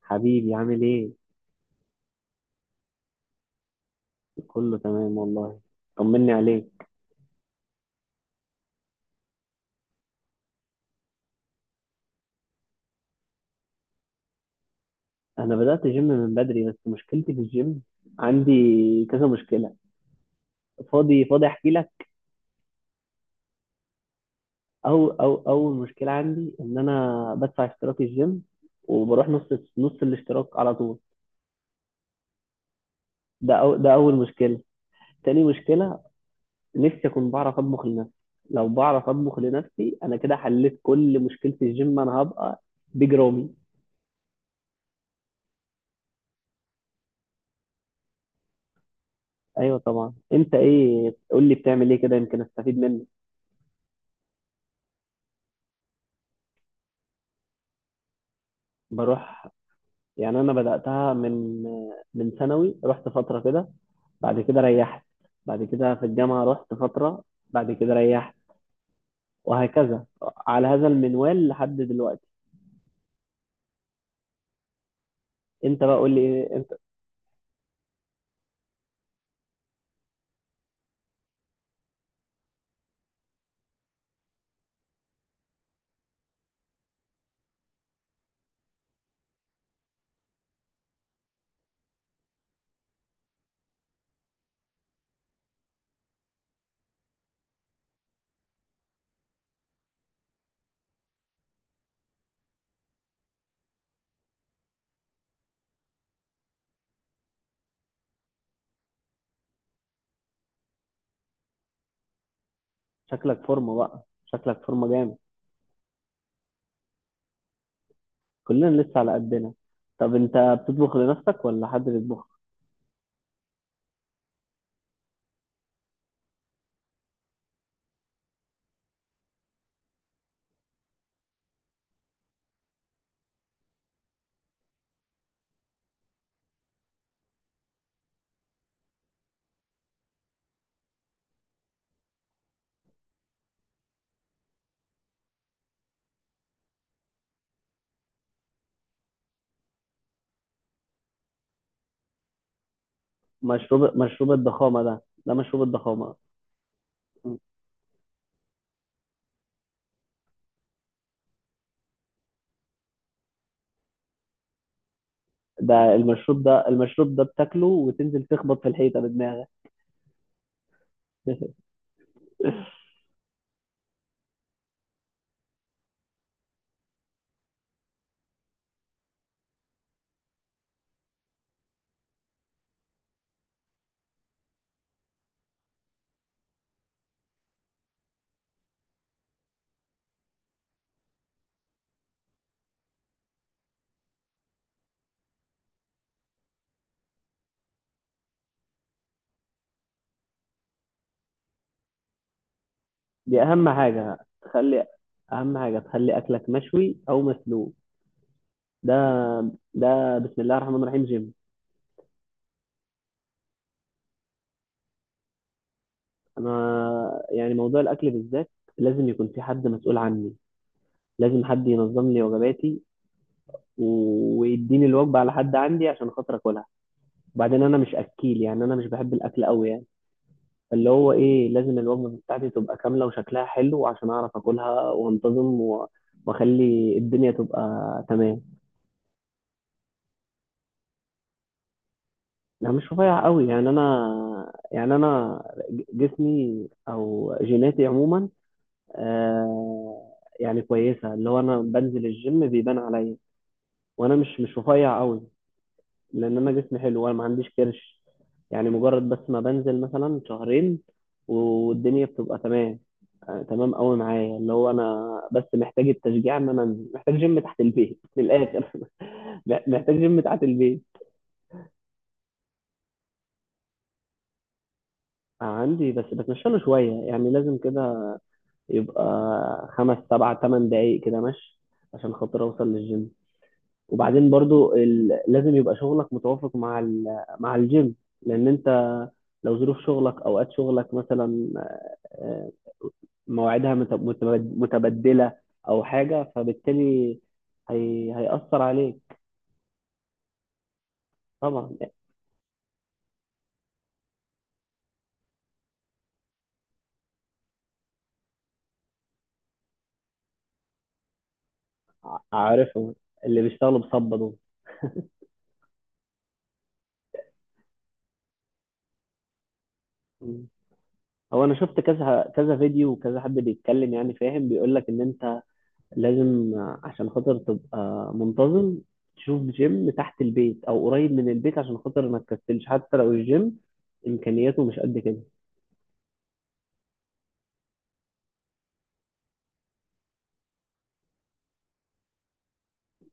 حبيبي عامل ايه؟ كله تمام والله. طمني عليك. انا بدأت جيم من بدري، بس مشكلتي في الجيم. عندي كذا مشكلة. فاضي؟ فاضي؟ احكي لك. او او اول مشكلة عندي ان انا بدفع اشتراك الجيم وبروح نص الاشتراك على طول. ده اول مشكلة. تاني مشكلة: نفسي اكون بعرف اطبخ لنفسي. لو بعرف اطبخ لنفسي انا كده حليت كل مشكلة الجيم، انا هبقى بيج رامي. ايوه طبعا. انت ايه؟ قول لي بتعمل ايه كده يمكن استفيد منك. بروح يعني انا بداتها من ثانوي، رحت فتره كده، بعد كده ريحت. بعد كده في الجامعه رحت فتره، بعد كده ريحت، وهكذا على هذا المنوال لحد دلوقتي. انت بقى، قول لي ايه انت. شكلك فورمه بقى، شكلك فورمه جامد. كلنا لسه على قدنا. طب انت بتطبخ لنفسك ولا حد بيطبخ؟ مشروب الضخامه ده، مشروب الضخامه. ده المشروب ده بتاكله وتنزل تخبط في الحيطه بدماغك. دي اهم حاجه. تخلي اهم حاجه تخلي اكلك مشوي او مسلوق. ده ده بسم الله الرحمن الرحيم جيم. انا يعني موضوع الاكل بالذات لازم يكون في حد مسؤول عني، لازم حد ينظم لي وجباتي ويديني الوجبه على حد عندي عشان خاطر اكلها. وبعدين انا مش اكيل يعني، انا مش بحب الاكل قوي يعني. فاللي هو ايه، لازم الوجبه بتاعتي تبقى كامله وشكلها حلو عشان اعرف اكلها وانتظم واخلي الدنيا تبقى تمام. لا مش رفيع قوي يعني. انا يعني انا، جسمي او جيناتي عموما، آه يعني كويسه، اللي هو انا بنزل الجيم بيبان عليا، وانا مش رفيع قوي. لان انا جسمي حلو وانا ما عنديش كرش. يعني مجرد بس ما بنزل مثلا شهرين والدنيا بتبقى تمام. تمام قوي معايا. اللي هو انا بس محتاج التشجيع ان انا انزل، محتاج جيم تحت البيت من الاخر. محتاج جيم تحت البيت. عندي، بس بتمشى له شويه يعني. لازم كده يبقى خمس سبع تمن دقايق كده مشي عشان خاطر اوصل للجيم. وبعدين برضو لازم يبقى شغلك متوافق مع مع الجيم. لان انت لو ظروف شغلك، اوقات شغلك مثلا، آه، مواعيدها متبدله او حاجه، فبالتالي هيأثر عليك. طبعا. عارفهم، اللي بيشتغلوا بصبة دول. مم. هو انا شفت كذا فيديو، وكذا حد بيتكلم يعني، فاهم، بيقول لك ان انت لازم عشان خاطر تبقى منتظم تشوف جيم تحت البيت او قريب من البيت عشان خاطر ما تكسلش، حتى لو الجيم امكانياته مش قد كده.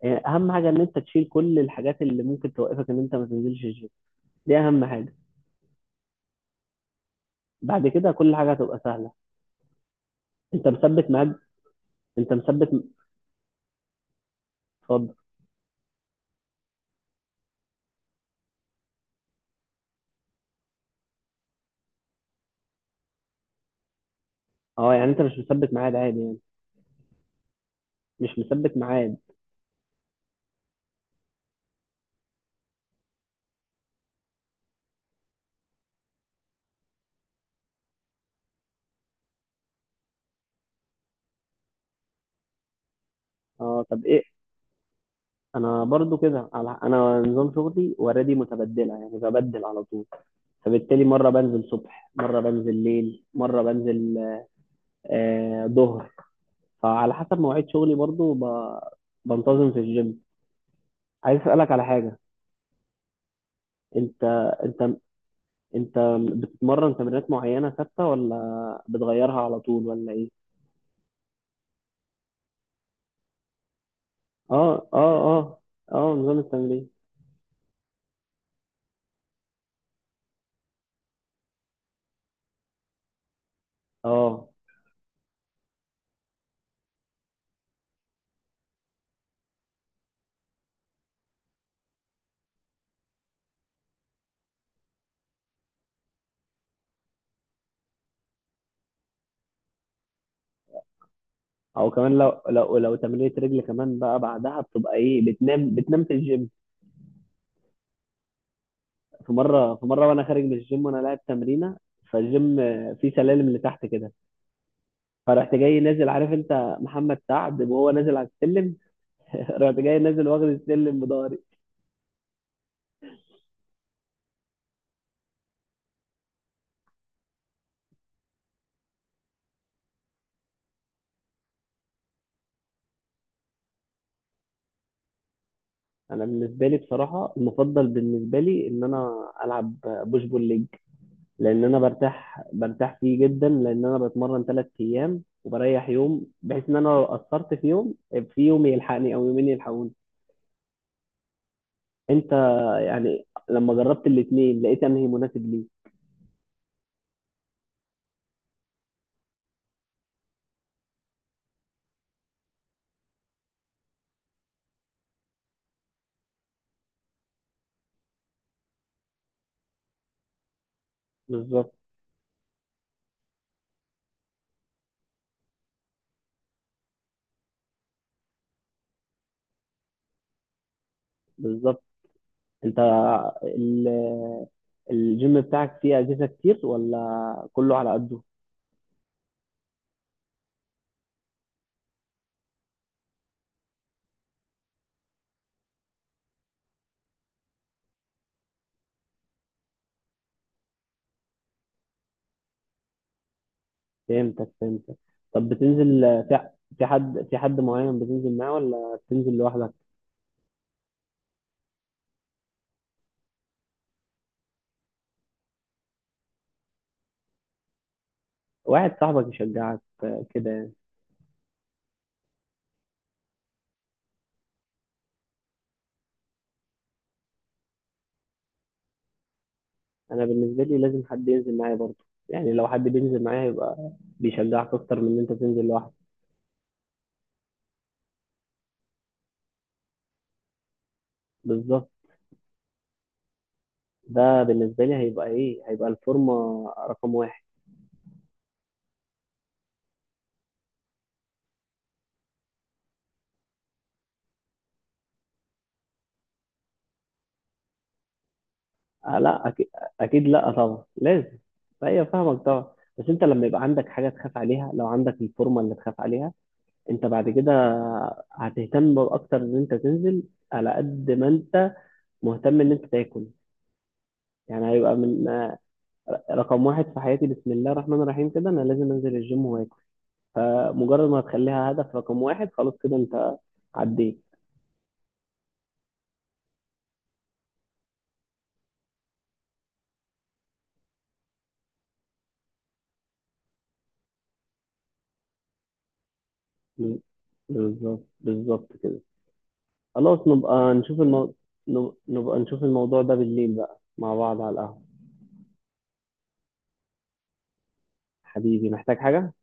اهم حاجه ان انت تشيل كل الحاجات اللي ممكن توقفك ان انت ما تنزلش الجيم، دي اهم حاجه. بعد كده كل حاجه هتبقى سهله. انت مثبت ميعاد. انت مثبت. اتفضل. اه يعني انت مش مثبت ميعاد عادي يعني. مش مثبت ميعاد. اه طب ايه؟ انا برضو كده انا نظام شغلي وردي متبدله يعني، ببدل على طول. فبالتالي مره بنزل صبح، مره بنزل ليل، مره بنزل ظهر. فعلى حسب مواعيد شغلي برضو بنتظم في الجيم. عايز اسالك على حاجه. انت انت انت بتتمرن تمرينات معينه ثابته ولا بتغيرها على طول ولا ايه؟ اه، اه، اه، اه، نظام التمرين. اه، او كمان لو لو تمرينة رجل كمان بقى، بعدها بتبقى ايه، بتنام، بتنام في الجيم. في مره وانا خارج من الجيم وانا لاعب تمرينه، فالجيم فيه سلالم لتحت كده، فرحت جاي نازل، عارف انت محمد سعد وهو نازل على السلم. رحت جاي نازل واخد السلم بضهري. انا بالنسبه لي بصراحه، المفضل بالنسبه لي ان انا العب بوش بول ليج، لان انا برتاح فيه جدا، لان انا بتمرن 3 ايام وبريح يوم، بحيث ان انا لو قصرت في يوم، في يوم يلحقني او يومين يلحقوني. انت، يعني لما جربت الاثنين لقيت انهي مناسب ليك؟ بالظبط، بالظبط. انت ال- الجيم بتاعك فيه اجهزه كتير ولا كله على قده؟ فهمتك، فهمتك. طب بتنزل في في حد معين بتنزل معاه ولا بتنزل لوحدك؟ واحد صاحبك يشجعك، كده يعني. انا بالنسبه لي لازم حد ينزل معايا برضه يعني. لو حد بينزل معايا هيبقى بيشجعك اكتر من ان انت تنزل لوحدك. بالظبط. ده بالنسبه لي هيبقى ايه، هيبقى الفورمه رقم واحد. آه لا أكيد، أكيد. لا طبعا لازم. فهي فاهمك طبعا. بس أنت لما يبقى عندك حاجة تخاف عليها، لو عندك الفورمة اللي تخاف عليها، أنت بعد كده هتهتم أكتر إن أنت تنزل، على قد ما أنت مهتم إن أنت تاكل. يعني هيبقى من رقم واحد في حياتي بسم الله الرحمن الرحيم كده، أنا لازم أنزل الجيم وآكل. فمجرد ما هتخليها هدف رقم واحد، خلاص كده أنت عديت. بالظبط، بالظبط كده. خلاص نبقى نشوف نبقى نشوف الموضوع ده بالليل بقى مع بعض على القهوة. حبيبي محتاج حاجة؟